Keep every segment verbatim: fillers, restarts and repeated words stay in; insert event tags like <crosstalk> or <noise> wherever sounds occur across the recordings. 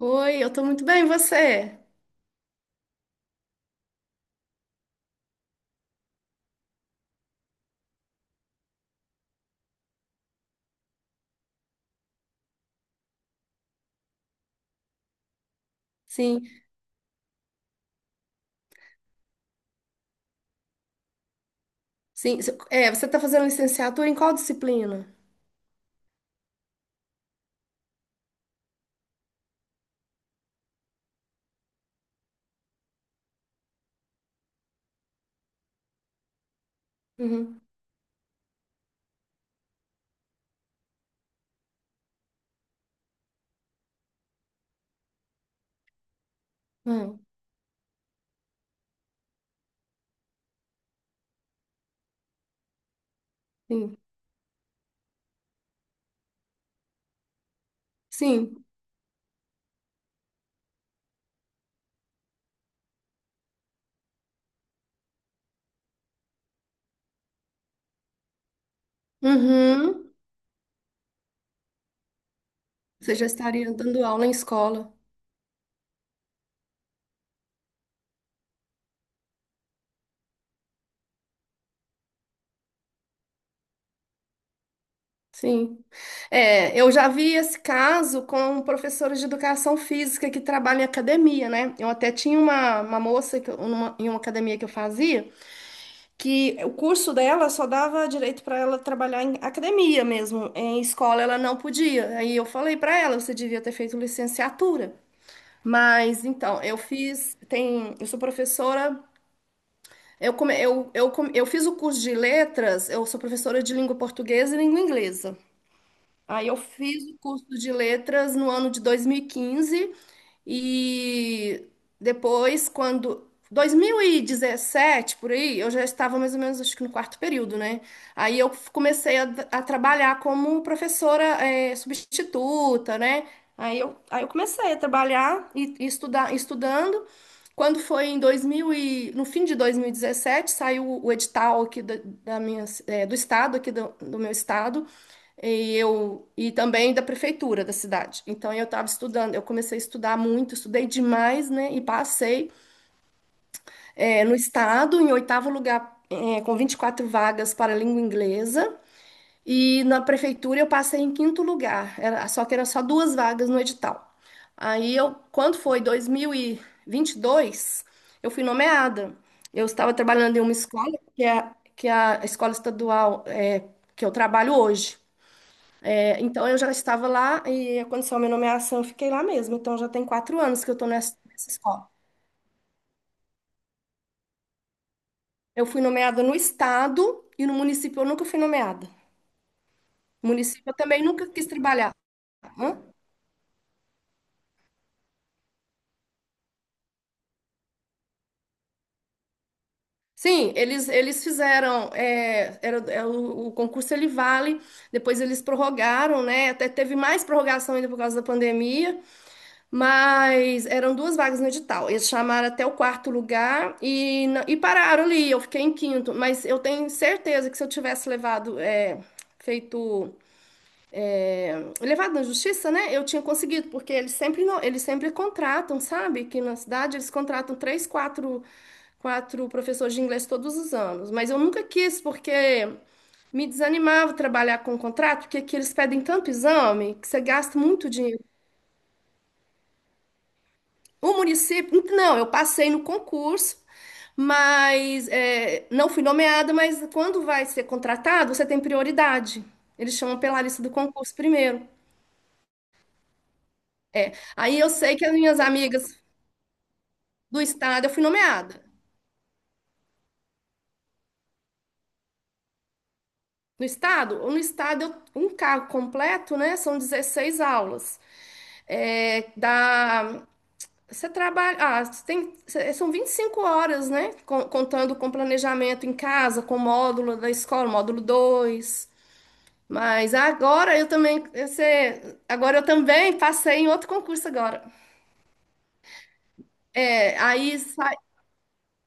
Oi, eu tô muito bem, e você? Sim, sim. se- É, você tá fazendo licenciatura em qual disciplina? Uhum. Ah, sim, sim. Uhum. Você já estaria dando aula em escola. Sim. É, eu já vi esse caso com professores de educação física que trabalham em academia, né? Eu até tinha uma, uma moça que eu- numa- em uma academia que eu fazia. Que o curso dela só dava direito para ela trabalhar em academia mesmo, em escola ela não podia. Aí eu falei para ela, você devia ter feito licenciatura. Mas então, eu fiz, tem, eu sou professora. Eu, come, eu, eu, come- eu fiz o curso de letras, eu sou professora de língua portuguesa e língua inglesa. Aí eu fiz o curso de letras no ano de dois mil e quinze e depois, quando dois mil e dezessete por aí, eu já estava mais ou menos, acho que no quarto período, né? Aí eu comecei a, a trabalhar como professora, eh, substituta, né? Aí eu, aí eu comecei a trabalhar e, e estudar, estudando. Quando foi em dois mil e, no fim de dois mil e dezessete saiu o edital aqui da, da minha, eh, do estado, aqui do, do meu estado, e eu e também da prefeitura da cidade. Então eu estava estudando, eu comecei a estudar muito, estudei demais, né? E passei eh, no estado em oitavo lugar, eh, com vinte e quatro vagas para a língua inglesa e na prefeitura eu passei em quinto lugar. Era, só que era só duas vagas no edital. Aí eu, quando foi dois mil e e vinte e dois eu fui nomeada. Eu estava trabalhando em uma escola que é, que é a escola estadual eh, que eu trabalho hoje. É, então, eu já estava lá e aconteceu a minha nomeação, eu fiquei lá mesmo. Então, já tem quatro anos que eu estou nessa, nessa escola. Eu fui nomeada no estado e no município eu nunca fui nomeada. No município eu também nunca quis trabalhar. Hã? Sim, eles, eles fizeram, é, era, é, o, o concurso ele vale, depois eles prorrogaram, né? Até teve mais prorrogação ainda por causa da pandemia. Mas eram duas vagas no edital. Eles chamaram até o quarto lugar e, na- e pararam ali. Eu fiquei em quinto, mas eu tenho certeza que se eu tivesse levado, é, feito, levado na justiça, né? Eu tinha conseguido, porque eles sempre não, eles sempre contratam, sabe? Que na cidade eles contratam três, quatro, quatro professores de inglês todos os anos. Mas eu nunca quis, porque me desanimava trabalhar com contrato, porque aqui eles pedem tanto exame que você gasta muito dinheiro. O município, um, não, eu passei no concurso, mas é, não fui nomeada, mas quando vai ser contratado, você tem prioridade. Eles chamam pela lista do concurso primeiro. É. Aí eu sei que as minhas amigas do estado, eu fui nomeada. No estado, no estado, eu- um cargo completo, né? São dezesseis aulas. É, dá, você trabalha, ah, você tem, cê- são vinte e cinco horas, né? Com- Contando com planejamento em casa, com módulo da escola, módulo dois. Mas agora eu também, você, agora eu também passei em outro concurso agora. É, aí, sa-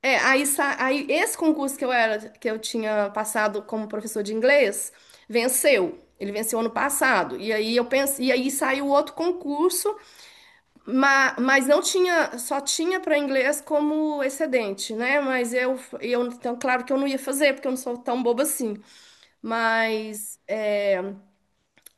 é, aí, sa- aí esse concurso que eu era, que eu tinha passado como professor de inglês, venceu. Ele venceu ano passado. E aí eu pensei, e aí saiu outro concurso, ma- mas, não tinha, só tinha para inglês como excedente, né? Mas eu, eu, então claro que eu não ia fazer, porque eu não sou tão boba assim. Mas é,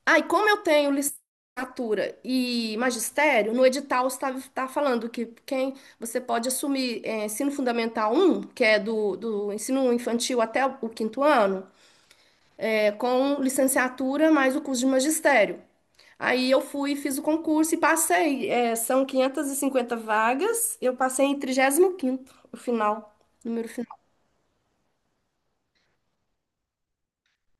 Aí, como eu tenho licenciatura e magistério, no edital está, está falando que quem você pode assumir é, ensino fundamental um, que é do, do ensino infantil até o quinto ano, é, com licenciatura mais o curso de magistério. Aí eu fui, e fiz o concurso e passei. É, são quinhentos e cinquenta vagas, eu passei em trigésimo quinto, o final, número.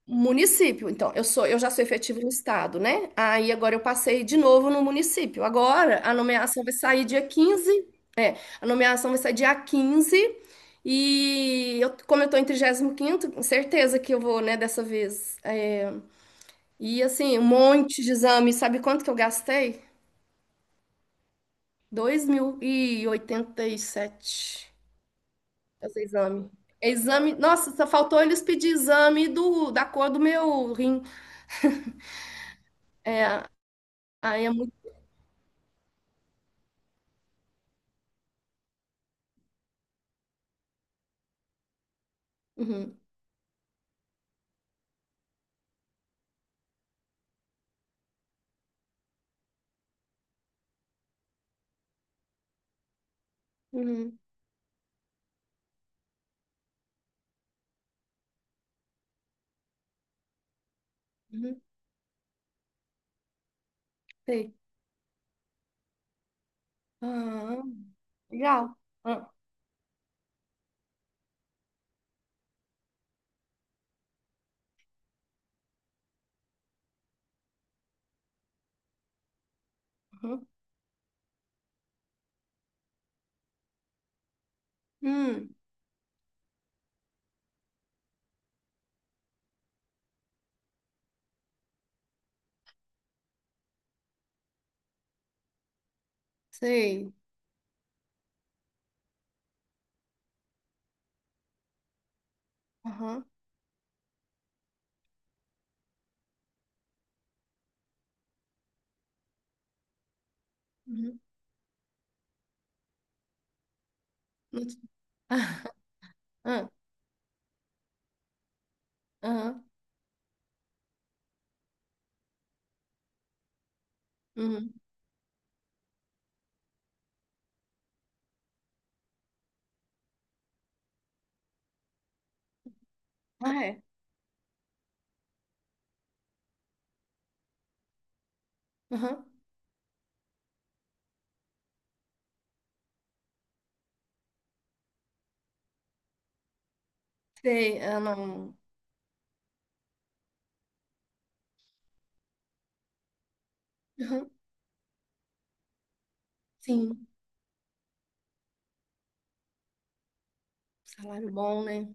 Município. Então, eu sou, eu já sou efetivo no estado, né? Aí agora eu passei de novo no município. Agora a nomeação vai sair dia quinze. A nomeação vai sair dia quinze. E eu, como eu tô em trigésimo quinto, com certeza que eu vou, né, dessa vez. É. E assim, um monte de exame. Sabe quanto que eu gastei? dois mil e oitenta e sete fazer exame. Exame, nossa, só faltou eles pedir exame do, da cor do meu rim. É, aí é muito. Uhum, uhum. Uhum. Sei. Ah, legal. Ah, uhum. Hum, sei. Aham. Uhum. <laughs> Não- Ah, aham. Uhum. Ah, é. Aham. Sei. Ah, não. Aham. Sim. Salário bom, né?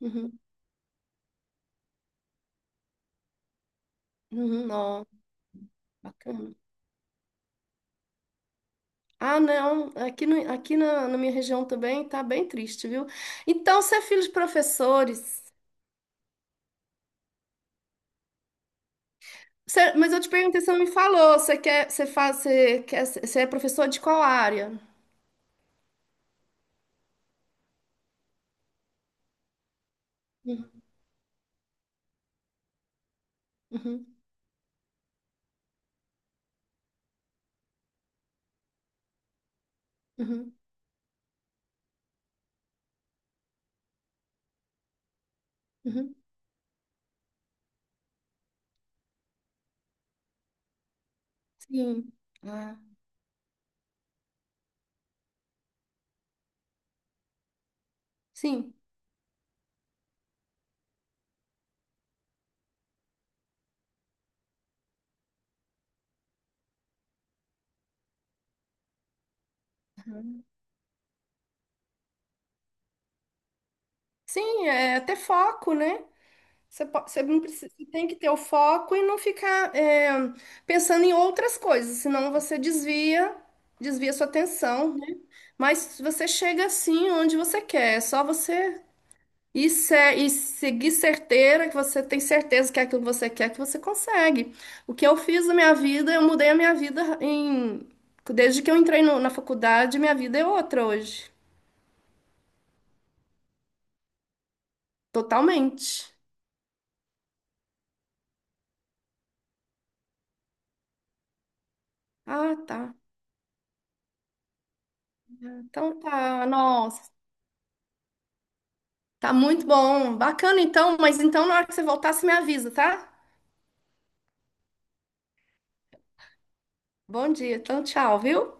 Uhum. Uhum. Ó, bacana. Ah, não. Aqui, no, aqui na, na minha região também tá bem triste, viu? Então, você é filho de professores. Você- mas eu te perguntei, você não me falou. Você quer, você faz, você quer, você é professor de qual área? Uhum. Uhum. Uhum. Uhum. Sim, ah, sim, sim, é ter foco, né? Você, po- você não precisa, você tem que ter o foco e não ficar é, pensando em outras coisas, senão você desvia, desvia sua atenção, né? Mas você chega assim onde você quer, é só você ir se, e seguir certeira, que você tem certeza que é aquilo que você quer, que você consegue. O que eu fiz na minha vida, eu mudei a minha vida em, desde que eu entrei no- na faculdade, minha vida é outra hoje, totalmente. Ah, tá. Então tá, nossa. Tá muito bom. Bacana então, mas então na hora que você voltar, você me avisa, tá? Bom dia. Então, tchau, viu?